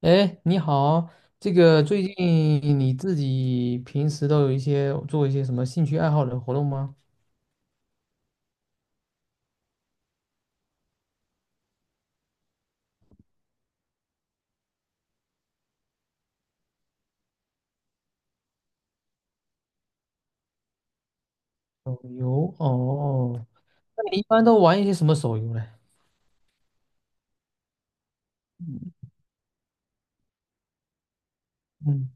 哎，你好，这个最近你自己平时都有一些做一些什么兴趣爱好的活动吗？手游哦，那你一般都玩一些什么手游嘞？嗯，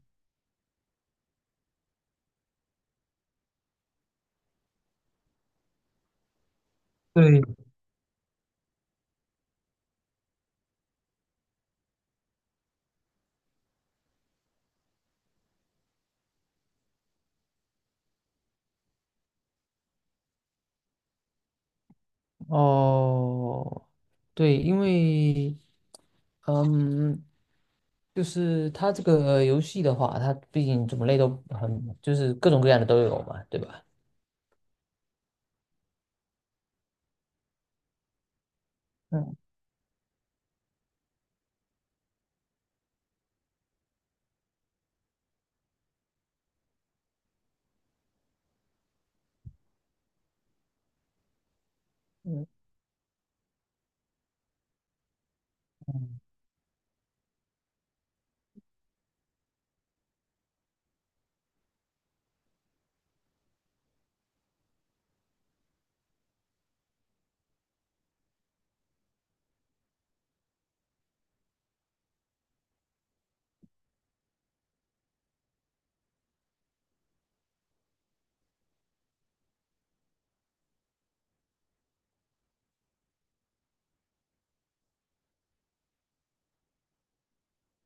对，哦，对，因为嗯，就是它这个游戏的话，它毕竟种类都很，就是各种各样的都有嘛，对吧？嗯嗯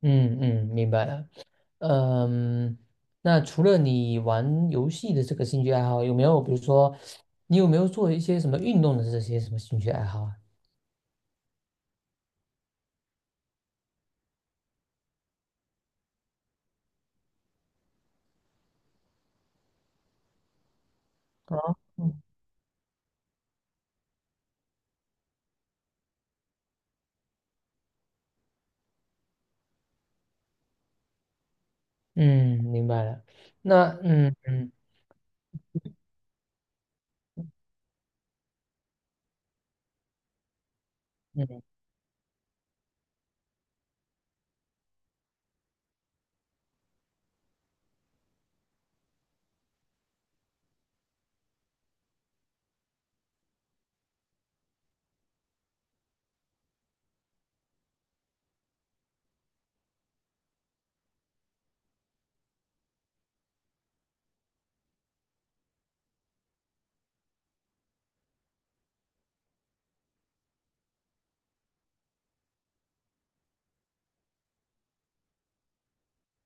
嗯嗯，明白了。嗯，那除了你玩游戏的这个兴趣爱好，有没有比如说，你有没有做一些什么运动的这些什么兴趣爱好啊？哦，嗯，明白了。那嗯嗯嗯，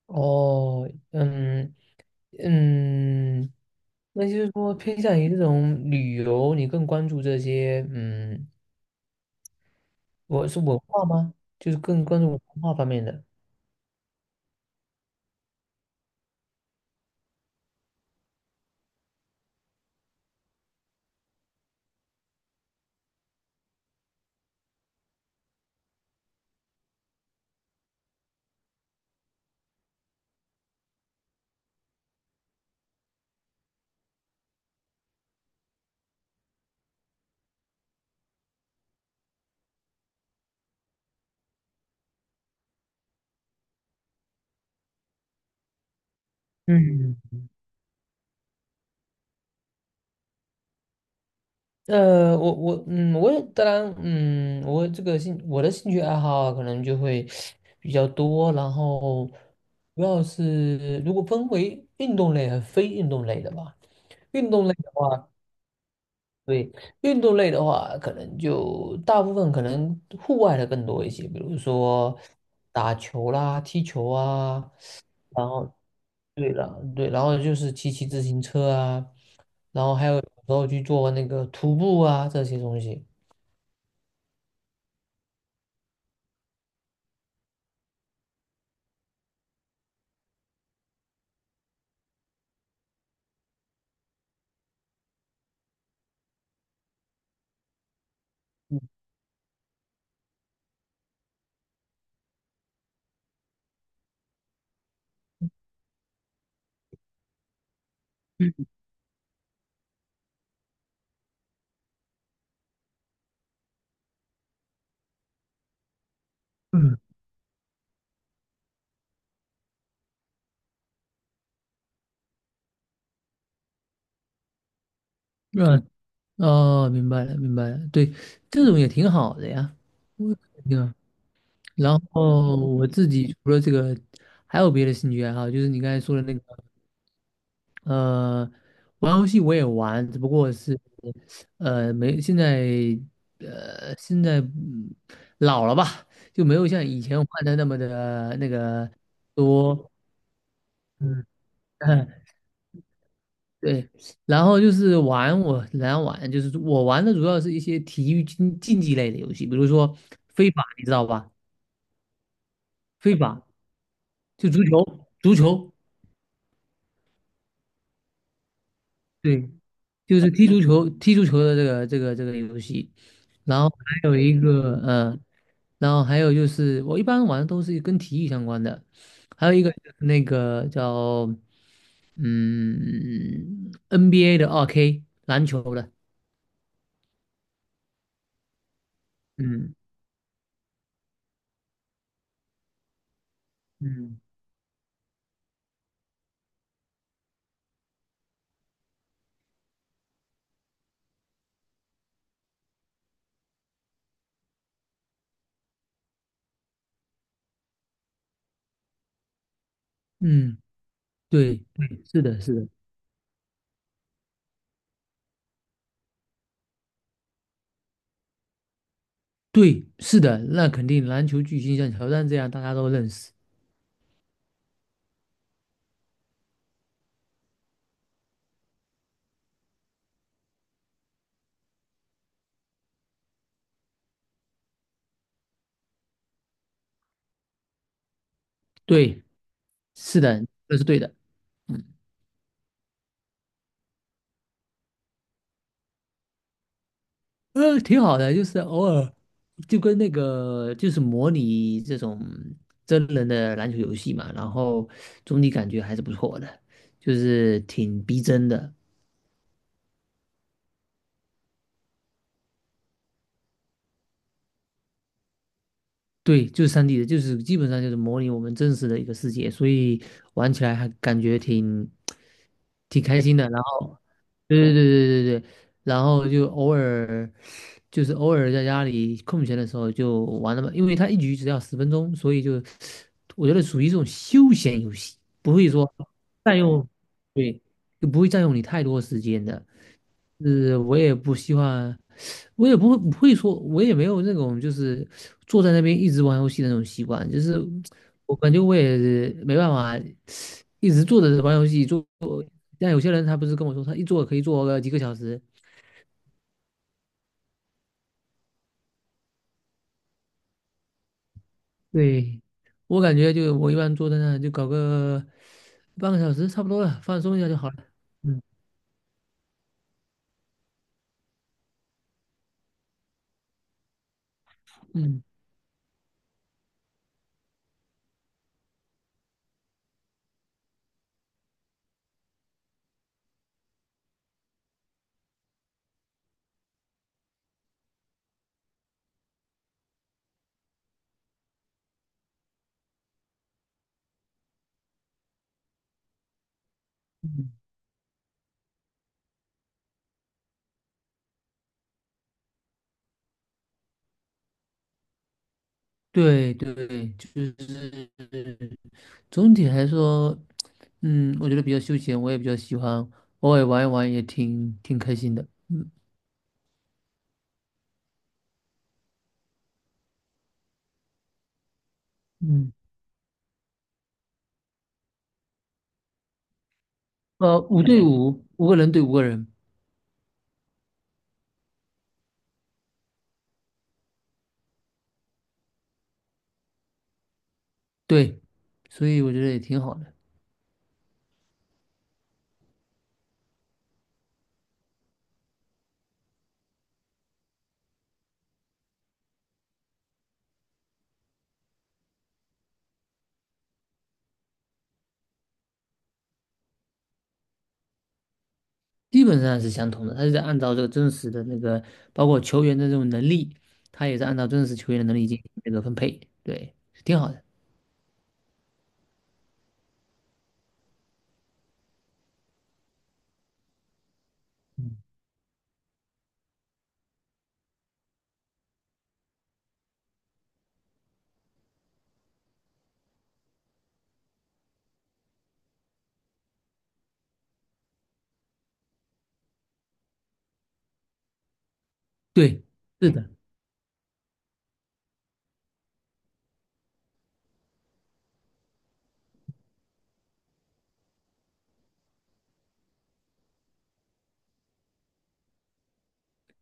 哦，嗯嗯，那就是说偏向于这种旅游，你更关注这些，我是文化吗？就是更关注文化方面的。嗯，我我也当然我的兴趣爱好可能就会比较多，然后主要是如果分为运动类和非运动类的吧。运动类的话，对，运动类的话，可能就大部分可能户外的更多一些，比如说打球啦、踢球啊，然后对了，对，然后就是骑自行车啊，然后去做那个徒步啊这些东西。嗯，嗯，哦，明白了，明白了，对，这种也挺好的呀，我挺好。然后我自己除了这个，还有别的兴趣爱好，就是你刚才说的那个，呃，玩游戏我也玩，只不过是，没，现在老了吧，就没有像以前玩的那么的那个多，嗯，对，然后就是来玩就是我玩的主要是一些体育竞技类的游戏，比如说飞法，你知道吧？飞法就足球，足球，对，就是踢足球，踢足球的这个游戏。然后还有一个，然后还有就是我一般玩的都是跟体育相关的，还有一个就是那个叫NBA 的2K 篮球的，嗯嗯嗯。对，对，是的，是的，对，是的，那肯定篮球巨星像乔丹这样大家都认识，对，是的，这是对的，嗯，挺好的，就是偶尔就跟那个就是模拟这种真人的篮球游戏嘛，然后总体感觉还是不错的，就是挺逼真的，对，就是3D 的，就是基本上就是模拟我们真实的一个世界，所以玩起来还感觉挺开心的。然后，对对对对对对，然后就偶尔就是偶尔在家里空闲的时候就玩了嘛，因为它一局只要10分钟，所以就我觉得属于这种休闲游戏，不会说占用，对，就不会占用你太多时间的。是我也不希望，我也不会说，我也没有那种就是坐在那边一直玩游戏的那种习惯，就是我感觉我也没办法一直坐着玩游戏坐。但有些人他不是跟我说，他一坐可以坐个几个小时。对，我感觉就我一般坐在那就搞个半个小时差不多了，放松一下就好了。嗯嗯嗯，对对，就是。总体来说，我觉得比较休闲，我也比较喜欢，偶尔玩一玩也挺开心的。嗯嗯，5对5，5个人对5个人，对，所以我觉得也挺好的，基本上是相同的。他是在按照这个真实的那个，包括球员的这种能力，他也是按照真实球员的能力进行那个分配，对，挺好的。对，是的，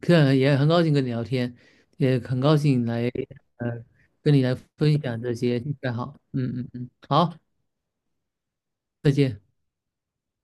这也很高兴跟你聊天，也很高兴呃跟你来分享这些兴趣爱好。嗯嗯嗯，好，再见。